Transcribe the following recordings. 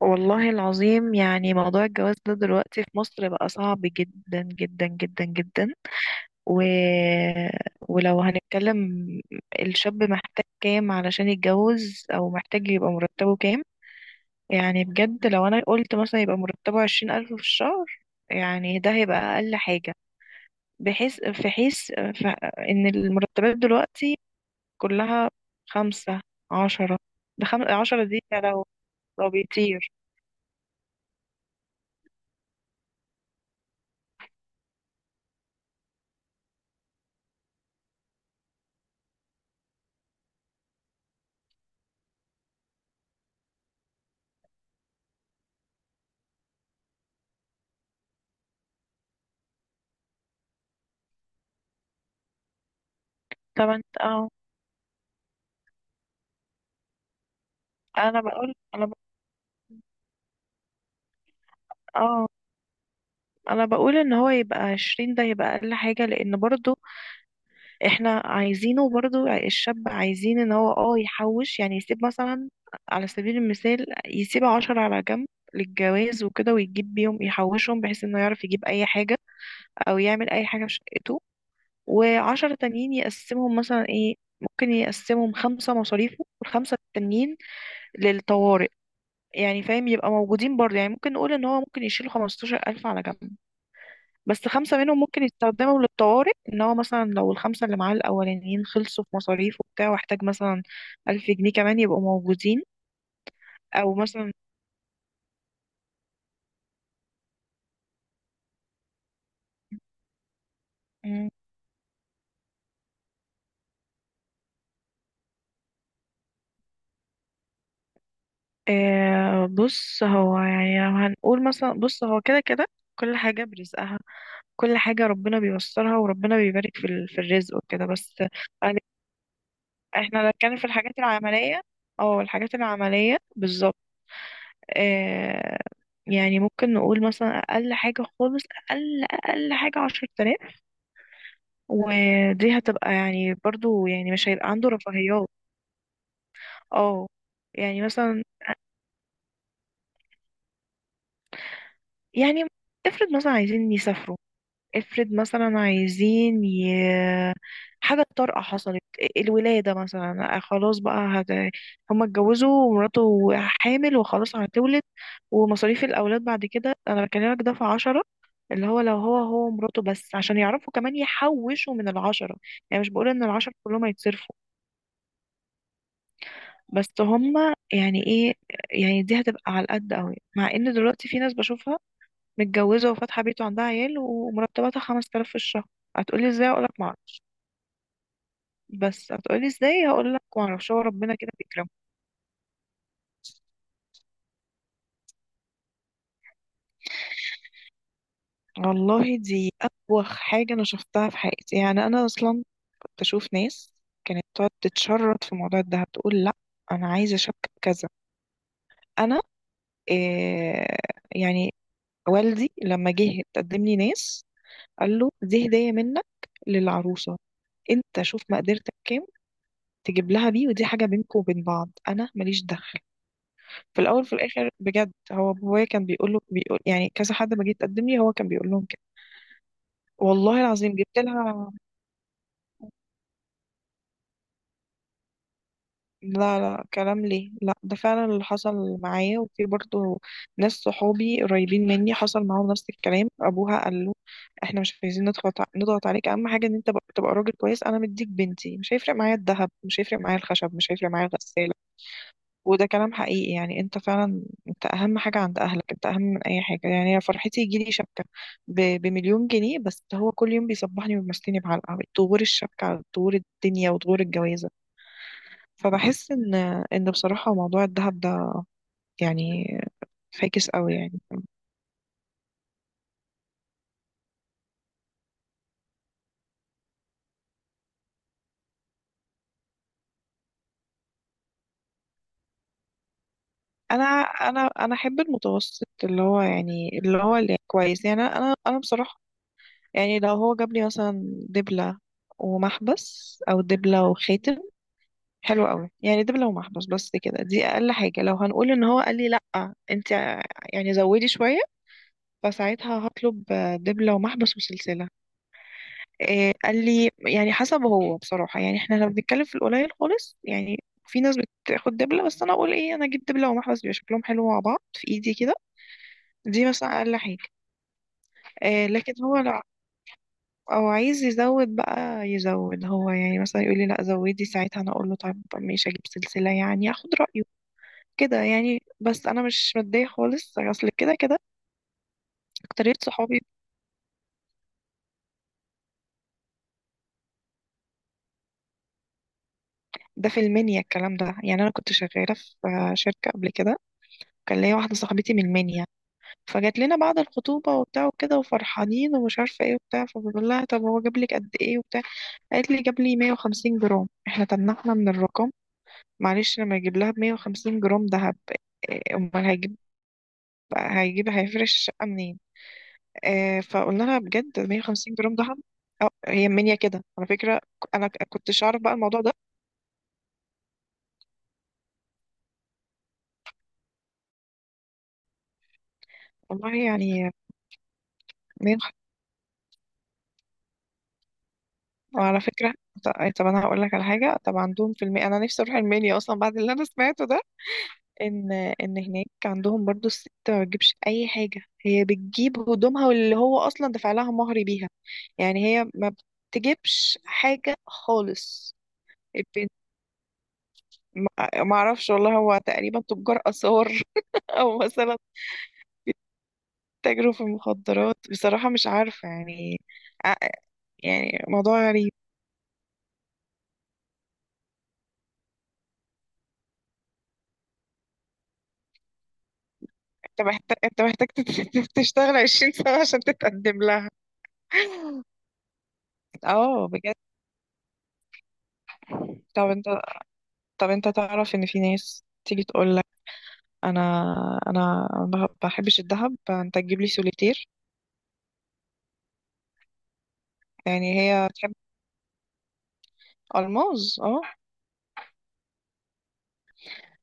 والله العظيم يعني موضوع الجواز ده دلوقتي في مصر بقى صعب جدا جدا جدا جدا و... ولو هنتكلم الشاب محتاج كام علشان يتجوز أو محتاج يبقى مرتبه كام. يعني بجد لو أنا قلت مثلا يبقى مرتبه 20000 في الشهر، يعني ده هيبقى أقل حاجة. بحيث في حيث ف... إن المرتبات دلوقتي كلها خمسة، عشرة. عشرة دي لو لو بيطير. طبعا اه. انا بقول، انا اه، انا بقول ان هو يبقى 20، ده يبقى اقل حاجة، لان برضو احنا عايزينه، برضو الشاب عايزين ان هو اه يحوش، يعني يسيب مثلا على سبيل المثال يسيب عشرة على جنب للجواز وكده ويجيب بيهم يحوشهم، بحيث انه يعرف يجيب اي حاجة او يعمل اي حاجة في شقته. وعشرة تانيين يقسمهم مثلا ايه، ممكن يقسمهم 5 مصاريفه والخمسة التانيين للطوارئ. يعني فاهم، يبقى موجودين برضه. يعني ممكن نقول ان هو ممكن يشيل 15000 على جنب، بس 5 منهم ممكن يستخدموا للطوارئ، ان هو مثلا لو الخمسة اللي معاه الأولانيين خلصوا في مصاريف وبتاع، واحتاج مثلا 1000 جنيه كمان يبقوا موجودين. أو مثلا مم، آه بص، هو يعني لو هنقول مثلا، بص هو كده كده كل حاجة برزقها، كل حاجة ربنا بيوصلها، وربنا بيبارك في الرزق وكده، بس احنا بنتكلم في الحاجات العملية. اه، الحاجات العملية بالظبط. آه يعني ممكن نقول مثلا أقل حاجة خالص، أقل حاجة 10000. ودي هتبقى يعني برضو، يعني مش هيبقى عنده رفاهيات. اه يعني مثلا، يعني افرض مثلا عايزين يسافروا، افرض مثلا حاجة طارئة حصلت إيه، الولادة مثلا آه، خلاص بقى هما اتجوزوا ومراته حامل وخلاص هتولد. ومصاريف الأولاد بعد كده أنا بكلمك، ده في 10 اللي هو لو هو ومراته بس، عشان يعرفوا كمان يحوشوا من العشرة. يعني مش بقول إن العشرة كلهم هيتصرفوا، بس هما يعني ايه، يعني دي هتبقى على القد قوي. مع ان دلوقتي في ناس بشوفها متجوزة وفاتحة بيت وعندها عيال ومرتباتها 5000 في الشهر. هتقولي ازاي؟ اقولك معرفش. بس هتقولي ازاي؟ هقول لك معرفش، هو ربنا كده بيكرمه. والله دي أبوخ حاجة أنا شفتها في حياتي، يعني أنا أصلا كنت أشوف ناس كانت تقعد تتشرط في موضوع الدهب، تقول لأ أنا عايزة شبكة كذا، أنا إيه، يعني. والدي لما جه تقدم لي ناس، قال له: دي هدية منك للعروسة، أنت شوف مقدرتك كام تجيب لها بيه، ودي حاجة بينكم وبين بعض، أنا ماليش دخل. في الاول في الاخر بجد، هو بابايا كان بيقول له، بيقول يعني كذا حد ما جه يتقدم لي، هو كان بيقول لهم كده والله العظيم جبت لها. لا لا، كلام ليه؟ لا ده فعلا اللي حصل معايا. وفي برضه ناس صحابي قريبين مني حصل معاهم نفس الكلام، ابوها قال له: احنا مش عايزين نضغط نضغط عليك، اهم حاجه ان انت تبقى راجل كويس، انا مديك بنتي، مش هيفرق معايا الذهب، مش هيفرق معايا الخشب، مش هيفرق معايا الغساله. وده كلام حقيقي، يعني انت فعلا انت اهم حاجة عند اهلك، انت اهم من اي حاجة. يعني انا فرحتي يجيلي شبكة بـ1000000 جنيه، بس هو كل يوم بيصبحني ويمسكني بعلقة، طغور الشبكة على طغور الدنيا وطغور الجوازة. فبحس ان، ان بصراحة موضوع الذهب ده يعني فاكس قوي يعني. انا احب المتوسط، اللي هو يعني اللي هو اللي كويس. يعني انا انا أنا بصراحة يعني لو هو جاب لي مثلا دبلة ومحبس، او دبلة وخاتم، حلو قوي يعني. ده لو محبس بس كده دي اقل حاجه. لو هنقول ان هو قال لي: لا انت يعني زودي شويه، فساعتها هطلب دبلة ومحبس وسلسله، إيه قال لي، يعني حسب. هو بصراحه يعني احنا لو بنتكلم في القليل خالص، يعني في ناس بتاخد دبلة بس، انا اقول ايه، انا اجيب دبلة ومحبس، بيبقى شكلهم حلو مع بعض في ايدي كده. دي مثلا اقل حاجه. إيه، لكن هو لو او عايز يزود بقى يزود، هو يعني مثلا يقول لي: لا زودي، ساعتها انا اقول له طيب ماشي اجيب سلسله، يعني اخد رايه كده. يعني بس انا مش متضايقه خالص، اصل كده كده اكتريت صحابي، ده في المنيا الكلام ده. يعني انا كنت شغاله في شركه قبل كده، كان ليا واحده صاحبتي من المنيا، فجات لنا بعد الخطوبه وبتاع وكده وفرحانين ومش عارفه ايه وبتاع، فبقول لها: طب هو جاب لك قد ايه وبتاع؟ قالت لي جاب لي 150 جرام. احنا تنحنا من الرقم، معلش لما يجيب لها ب 150 جرام دهب، إيه، امال هيجيب هيفرش الشقه منين؟ آه، فقلنا لها بجد 150 جرام ذهب؟ أو هي منيا كده على فكرة، أنا كنتش أعرف بقى الموضوع ده والله يعني. منين خ- وعلى فكرة طب أنا هقول لك على حاجة. طب عندهم في المنيا أنا نفسي أروح المنيا أصلا بعد اللي أنا سمعته ده، إن هناك عندهم برضو الست ما بتجيبش أي حاجة، هي بتجيب هدومها، واللي هو أصلا دفع لها مهر بيها. يعني هي ما بتجيبش حاجة خالص البنت. ما اعرفش والله، هو تقريبا تجار اثار او مثلا تاجروا في المخدرات، بصراحة مش عارفة يعني ع- يعني موضوع غريب. انت محتاج تشتغل 20 سنة عشان تتقدم لها. اه بجد. طب انت طب انت تعرف ان في ناس تيجي تقول لك: انا انا ما بحبش الذهب، فانت تجيب لي سوليتير. يعني هي بتحب الماس اه،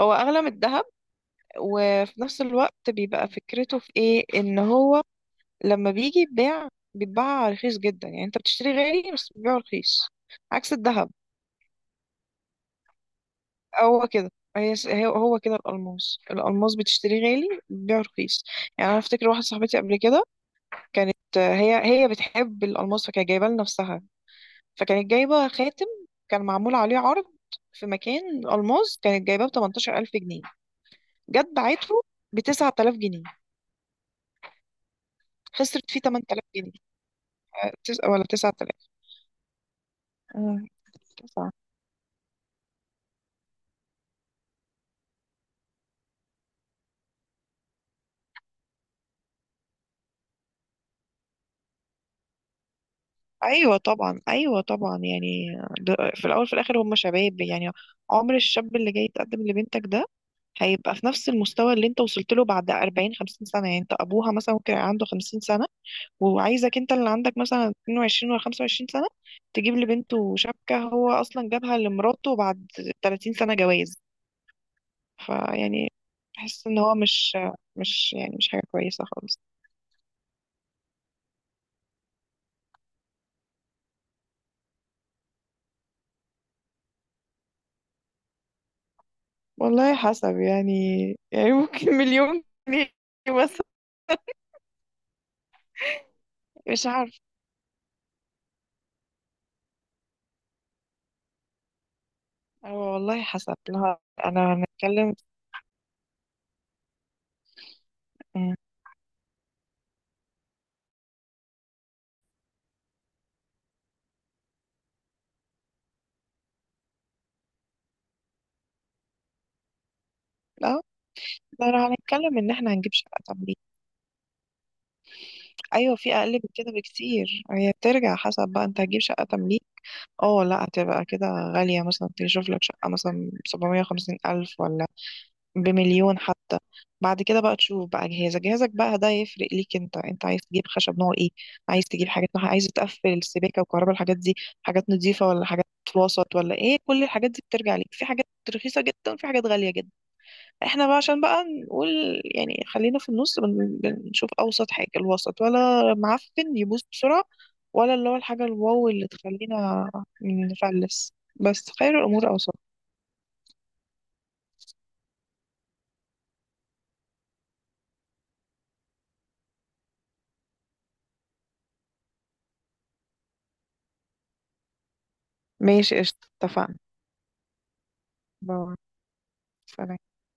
هو اغلى من الذهب. وفي نفس الوقت بيبقى فكرته في ايه، ان هو لما بيجي يتباع بيتباع رخيص جدا، يعني انت بتشتري غالي بس بتبيعه رخيص، عكس الذهب. هو كده، هو كده، الألماس، الألماس بتشتريه غالي بتبيعه رخيص. يعني أنا أفتكر واحدة صاحبتي قبل كده كانت آه، هي بتحب الألماس فكانت جايباه لنفسها، فكانت جايبة خاتم كان معمول عليه عرض في مكان ألماس، كانت جايباه ب 18000 جنيه، جت باعته ب 9000 جنيه، خسرت فيه 8000 جنيه آه، ولا 9000، تسعة. ايوه طبعا، ايوه طبعا يعني في الاول في الاخر هم شباب، يعني عمر الشاب اللي جاي يتقدم لبنتك ده هيبقى في نفس المستوى اللي انت وصلت له بعد 40، 50 سنه. يعني انت ابوها مثلا ممكن يبقى عنده 50 سنه، وعايزك انت اللي عندك مثلا 22 ولا 25 سنه تجيب لبنته شبكه، هو اصلا جابها لمراته بعد 30 سنه جواز. فيعني بحس ان هو مش، مش حاجه كويسه خالص. والله حسب يعني، يعني ممكن 1000000 جنيه مثلا، مش عارفه. اه والله حسب. لا انا هنتكلم. مم. لا لا، لو هنتكلم ان احنا هنجيب شقة تمليك، ايوه في اقل من كده بكتير، هي بترجع حسب بقى، انت هتجيب شقة تمليك؟ اه لا هتبقى كده غالية، مثلا تشوف لك شقة مثلا 750000 ولا بـ1000000 حتى. بعد كده بقى تشوف بقى جهازك، جهازك بقى ده يفرق ليك، انت انت عايز تجيب خشب نوع ايه، عايز تجيب حاجات نوع إيه؟ عايز تقفل السباكة والكهرباء، الحاجات دي حاجات نظيفة ولا حاجات وسط ولا ايه؟ كل الحاجات دي بترجع ليك، في حاجات رخيصة جدا وفي حاجات غالية جدا. احنا بقى عشان بقى نقول، يعني خلينا في النص، بنشوف اوسط حاجه، الوسط ولا معفن يبوظ بسرعه، ولا اللي هو الحاجه الواو اللي تخلينا نفلس. بس خير الامور اوسط. ماشي قشطه اتفقنا. باي. سلام.